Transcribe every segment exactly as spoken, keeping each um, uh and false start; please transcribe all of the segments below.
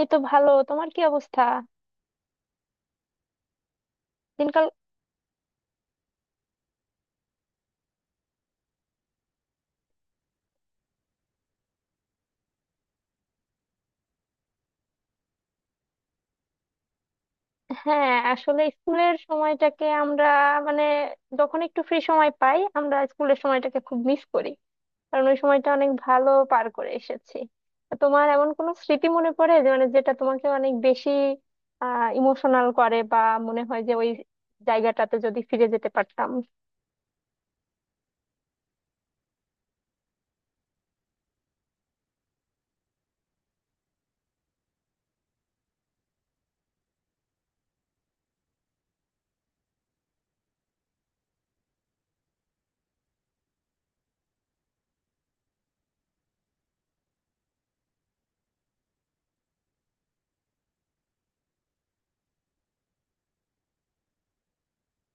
এই তো ভালো। তোমার কি অবস্থা? দিনকাল? হ্যাঁ, আসলে স্কুলের সময়টাকে আমরা মানে যখন একটু ফ্রি সময় পাই, আমরা স্কুলের সময়টাকে খুব মিস করি, কারণ ওই সময়টা অনেক ভালো পার করে এসেছি। তা তোমার এমন কোনো স্মৃতি মনে পড়ে যে মানে যেটা তোমাকে অনেক বেশি আহ ইমোশনাল করে, বা মনে হয় যে ওই জায়গাটাতে যদি ফিরে যেতে পারতাম?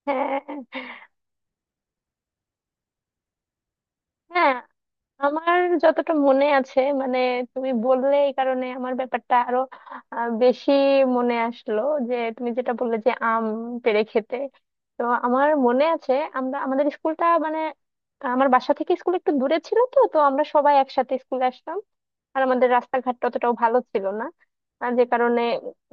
হ্যাঁ, হ্যাঁ আমার যতটা মনে আছে, মানে তুমি বললে এই কারণে আমার ব্যাপারটা আরো আহ, বেশি মনে আসলো। যে তুমি যেটা বললে যে আম পেড়ে খেতে, তো আমার মনে আছে আমরা আমাদের স্কুলটা মানে আমার বাসা থেকে স্কুল একটু দূরে ছিল, তো তো আমরা সবাই একসাথে স্কুলে আসতাম। আর আমাদের রাস্তাঘাট অতটাও ভালো ছিল না, আর যে কারণে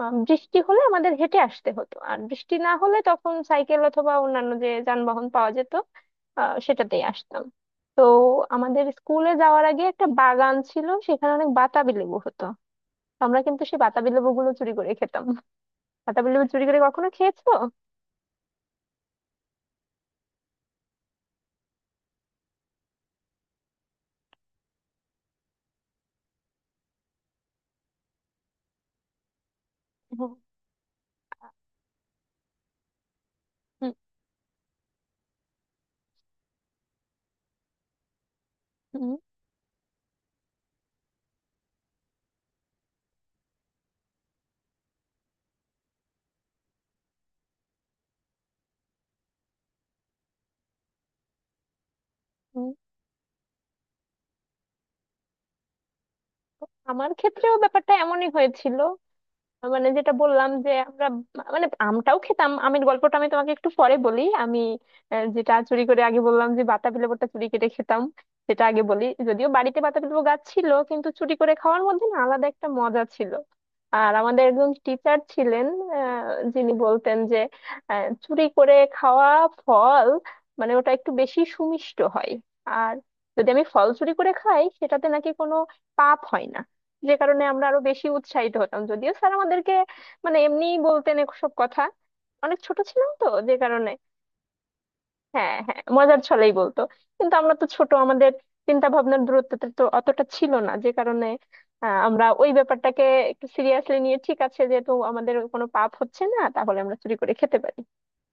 আহ, বৃষ্টি হলে আমাদের হেঁটে আসতে হতো, আর বৃষ্টি না হলে তখন সাইকেল অথবা অন্যান্য যে যানবাহন পাওয়া যেত, আহ, সেটাতেই আসতাম। তো আমাদের স্কুলে যাওয়ার আগে একটা বাগান ছিল, সেখানে অনেক বাতাবি লেবু হতো। তো আমরা কিন্তু সেই বাতাবি লেবু গুলো চুরি করে খেতাম। বাতাবি লেবু চুরি করে কখনো খেয়েছো? হুম, হুম, হুম, হুম। আমার ক্ষেত্রেও ব্যাপারটা এমনই হয়েছিল। মানে যেটা বললাম যে আমরা মানে আমটাও খেতাম, আমের গল্পটা আমি তোমাকে একটু পরে বলি। আমি আহ, যেটা চুরি করে আগে বললাম যে বাতাবি লেবুটা চুরি কেটে খেতাম, সেটা আগে বলি। যদিও বাড়িতে বাতাবি লেবু গাছ ছিল, কিন্তু চুরি করে খাওয়ার মধ্যে না আলাদা একটা মজা ছিল। আর আমাদের একজন টিচার ছিলেন আহ, যিনি বলতেন যে আহ, চুরি করে খাওয়া ফল, মানে ওটা একটু বেশি সুমিষ্ট হয়, আর যদি আমি ফল চুরি করে খাই সেটাতে নাকি কোনো পাপ হয় না। যে কারণে আমরা আরো বেশি উৎসাহিত হতাম, যদিও স্যার আমাদেরকে মানে এমনিই বলতেন সব কথা। অনেক ছোট ছিলাম, তো যে কারণে হ্যাঁ, হ্যাঁ মজার ছলেই বলতো। কিন্তু আমরা তো ছোট, আমাদের চিন্তা ভাবনার দূরত্বটা তো অতটা ছিল না, যে কারণে আহ, আমরা ওই ব্যাপারটাকে একটু সিরিয়াসলি নিয়ে, ঠিক আছে যেহেতু আমাদের কোনো পাপ হচ্ছে না তাহলে আমরা চুরি করে খেতে পারি।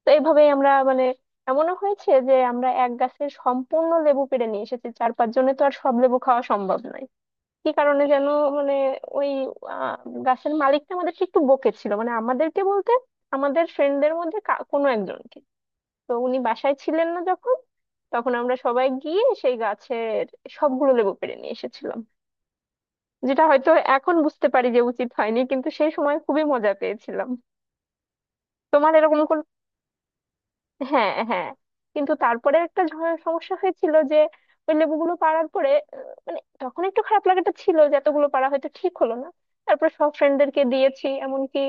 তো এইভাবেই আমরা মানে এমনও হয়েছে যে আমরা এক গাছের সম্পূর্ণ লেবু পেড়ে নিয়ে এসেছি চার পাঁচ জনে, তো আর সব লেবু খাওয়া সম্ভব নয়। কি কারণে যেন মানে ওই আহ, গাছের মালিকটা আমাদেরকে একটু বকেছিল, মানে আমাদেরকে বলতে আমাদের ফ্রেন্ডদের মধ্যে কা- কোনো একজনকে। তো উনি বাসায় ছিলেন না যখন, তখন আমরা সবাই গিয়ে সেই গাছের সবগুলো লেবু পেড়ে নিয়ে এসেছিলাম। যেটা হয়তো এখন বুঝতে পারি যে উচিত হয়নি, কিন্তু সেই সময় খুবই মজা পেয়েছিলাম। তোমার এরকম কোনো? হ্যাঁ, হ্যাঁ, কিন্তু তারপরে একটা ঝ- সমস্যা হয়েছিল যে ওই লেবুগুলো পাড়ার পরে আহ, মানে তখন একটু খারাপ লাগাটা ছিল যে এতগুলো পাড়া হয়তো ঠিক হলো না। তারপর সব ফ্রেন্ডদেরকে দিয়েছি, এমনকি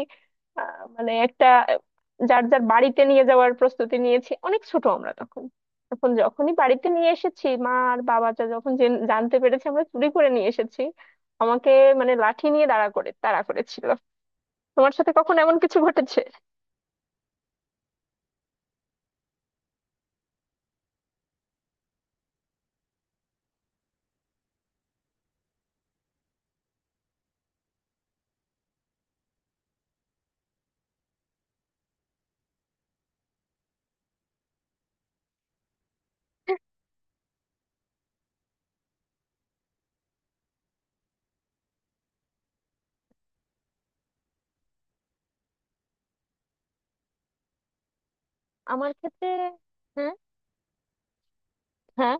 আহ, মানে একটা আহ, যার যার বাড়িতে নিয়ে যাওয়ার প্রস্তুতি নিয়েছি। অনেক ছোট আমরা তখন, তখন যখনই বাড়িতে নিয়ে এসেছি, মা আর বাবা যা যখন জেন- জানতে পেরেছে আমরা চুরি করে নিয়ে এসেছি, আমাকে মানে লাঠি নিয়ে দাঁড়া করে তাড়া করেছিল। তোমার সাথে কখন এমন কিছু ঘটেছে? আমার ক্ষেত্রে হ্যাঁ। হ্যাঁ,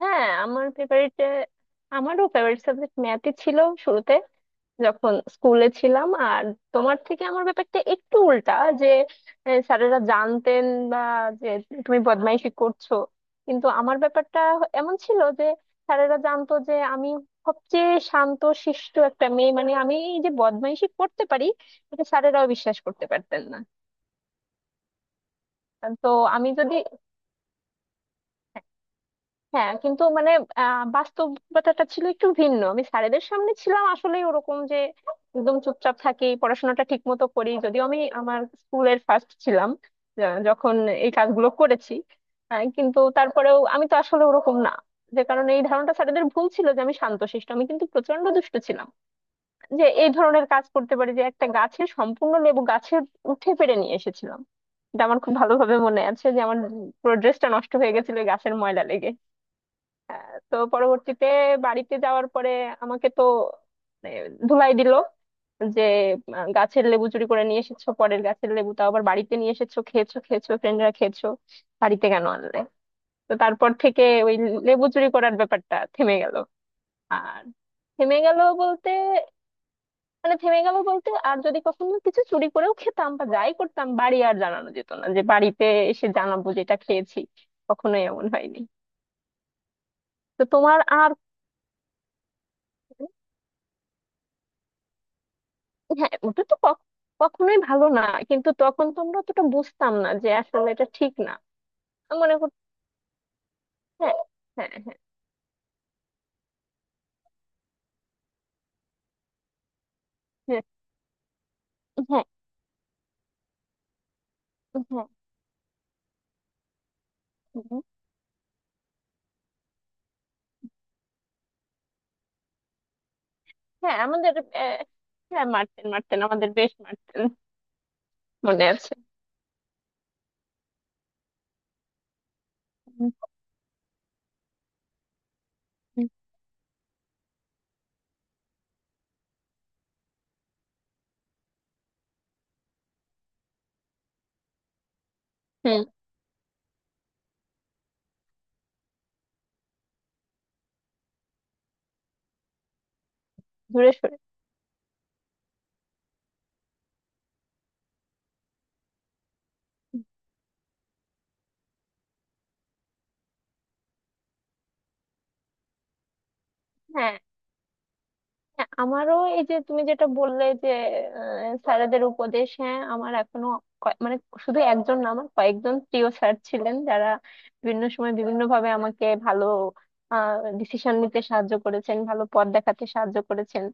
হ্যাঁ, আমার ফেভারিট, আমারও ফেভারিট সাবজেক্ট ম্যাথই ছিল শুরুতে, যখন স্কুলে ছিলাম। আর তোমার থেকে আমার ব্যাপারটা একটু উল্টা, যে আহ, স্যারেরা জানতেন বা যে তুমি বদমাইশি করছো। কিন্তু আমার ব্যাপারটা এমন ছিল যে স্যারেরা জানতো যে আমি সবচেয়ে শান্ত শিষ্ট একটা মেয়ে, মানে আমি এই যে বদমাইশি করতে পারি, এটা স্যারেরাও বিশ্বাস করতে পারতেন না। তো আমি যদি হ্যাঁ, কিন্তু মানে আহ, বাস্তবতাটা ছিল একটু ভিন্ন। আমি স্যারেদের সামনে ছিলাম আসলে ওরকম যে একদম চুপচাপ থাকি, পড়াশোনাটা ঠিক মতো করি, যদিও আমি আমার স্কুলের ফার্স্ট ছিলাম। আহ, যখন এই কাজগুলো করেছি, আহ, কিন্তু তারপরেও আমি তো আসলে ওরকম না, যে কারণে এই ধারণাটা স্যারেদের ভুল ছিল যে আমি শান্তশিষ্ট। আমি কিন্তু প্রচন্ড দুষ্ট ছিলাম, যে এই ধরনের কাজ করতে পারি, যে একটা গাছের সম্পূর্ণ লেবু গাছে উঠে পেড়ে নিয়ে এসেছিলাম। এটা আমার খুব ভালোভাবে মনে আছে যে আমার পুরো ড্রেসটা নষ্ট হয়ে গেছিল এই গাছের ময়লা লেগে। আহ, তো পরবর্তীতে বাড়িতে যাওয়ার পরে আমাকে তো মানে ধুলাই দিল, যে আহ, গাছের লেবু চুরি করে নিয়ে এসেছো, পরের গাছের লেবু, তাও আবার বাড়িতে নিয়ে এসেছো, খেয়েছো খেয়েছো ফ্রেন্ডরা খেয়েছো, বাড়িতে কেন আনলে? তো তারপর থেকে ওই লেবু চুরি করার ব্যাপারটা থেমে গেল। আর থেমে গেল বলতে মানে থেমে গেল বলতে, আর যদি কখনো কিছু চুরি করেও খেতাম বা যাই করতাম, বাড়ি আর জানানো যেত না, যে বাড়িতে এসে জানাবো যেটা খেয়েছি, কখনোই এমন হয়নি। তো তোমার আর হ্যাঁ ওটা তো কখ- কখনোই ভালো না, কিন্তু তখন তো আমরা অতটা বুঝতাম না যে আসলে এটা ঠিক না। আমি মনে করতে হ্যাঁ, হ্যাঁ, হ্যাঁ, হ্যাঁ, হ্যাঁ, হ্যাঁ, হুম, হ্যাঁ আমাদের আহ, হ্যাঁ মারতেন, মারতেন আমাদের বেশ মারতেন, মনে আছে। হুম, হুম, দূরে সরে। হ্যাঁ, হ্যাঁ, আমারও এই যে তুমি যেটা বললে যে আহ, স্যারেদের উপদেশ, হ্যাঁ আমার এখনো কয়- মানে শুধু একজন না, আমার কয়েকজন প্রিয় স্যার ছিলেন, যারা বিভিন্ন সময় বিভিন্ন ভাবে আমাকে ভালো ডিসিশন নিতে সাহায্য করেছেন, ভালো পথ দেখাতে সাহায্য করেছেন।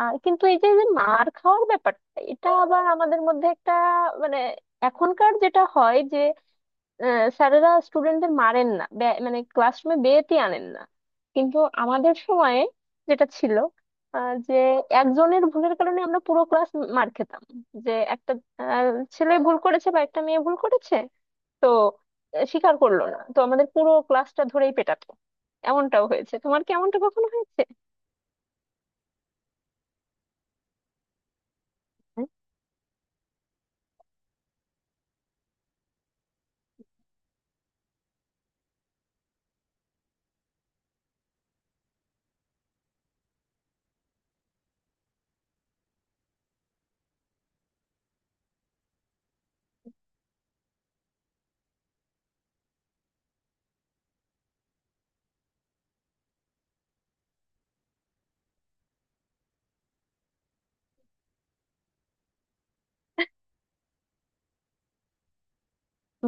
আর কিন্তু এই যে যে মার খাওয়ার ব্যাপারটা, এটা আবার আমাদের মধ্যে একটা মানে এখনকার যেটা হয়, স্যারেরা স্টুডেন্টদের মারেন না, বে- মানে ক্লাসরুমে বেতি আনেন না। কিন্তু আমাদের সময়ে যেটা ছিল, আহ, যে একজনের ভুলের কারণে আমরা পুরো ক্লাস মার খেতাম। যে একটা আহ, ছেলে ভুল করেছে বা একটা মেয়ে ভুল করেছে, তো আহ, স্বীকার করলো না, তো আমাদের পুরো ক্লাসটা ধরেই পেটাতো। এমনটাও হয়েছে, তোমার কি এমনটা কখনো হয়েছে? হ্যাঁ?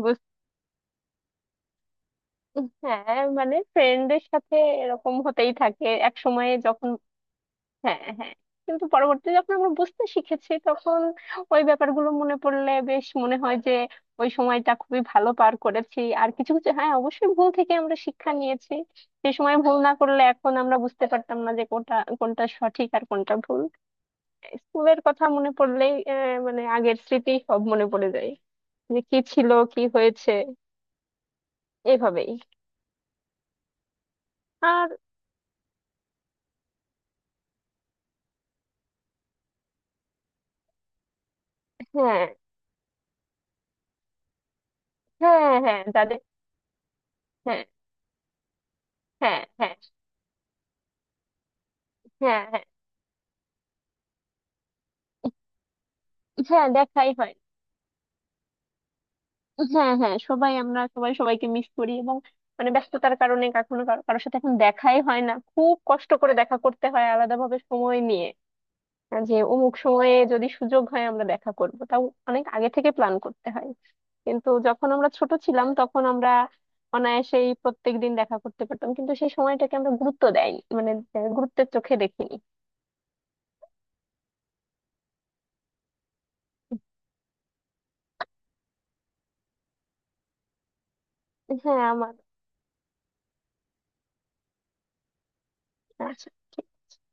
বুঝতে হ্যাঁ, মানে ফ্রেন্ডের সাথে এরকম হতেই থাকে এক সময়ে যখন হ্যাঁ, হ্যাঁ, কিন্তু পরবর্তীতে যখন আমরা বুঝতে শিখেছি তখন ওই ব্যাপারগুলো মনে পড়লে বেশ মনে হয় যে ওই সময়টা খুবই ভালো পার করেছি। আর কিছু কিছু হ্যাঁ অবশ্যই ভুল থেকে আমরা শিক্ষা নিয়েছি। সে সময় ভুল না করলে এখন আমরা বুঝতে পারতাম না যে কোনটা কোনটা সঠিক আর কোনটা ভুল। স্কুলের কথা মনে পড়লেই আহ, মানে আগের স্মৃতি সব মনে পড়ে যায়, যে কি ছিল কি হয়েছে এভাবেই। আর হ্যাঁ হ্যাঁ, হ্যাঁ দাদু। হ্যাঁ, হ্যাঁ হ্যাঁ, হ্যাঁ, হ্যাঁ, হ্যাঁ, দেখাই হয়। হ্যাঁ, হ্যাঁ, সবাই আমরা সবাই সবাইকে মিস করি, এবং মানে ব্যস্ততার কারণে কখনো কারো- কারোর সাথে এখন দেখাই হয় না, খুব কষ্ট করে দেখা করতে হয় আলাদাভাবে সময় নিয়ে। হ্যাঁ, যে অমুক সময়ে যদি সুযোগ হয় আমরা দেখা করব, তাও অনেক আগে থেকে প্ল্যান করতে হয়। কিন্তু যখন আমরা ছোট ছিলাম তখন আমরা অনায়াসেই প্রত্যেক দিন দেখা করতে পারতাম, কিন্তু সেই সময়টাকে আমরা গুরুত্ব দেয়নি, মানে আহ, গুরুত্বের চোখে দেখিনি। হ্যাঁ আমার হ্যাঁ।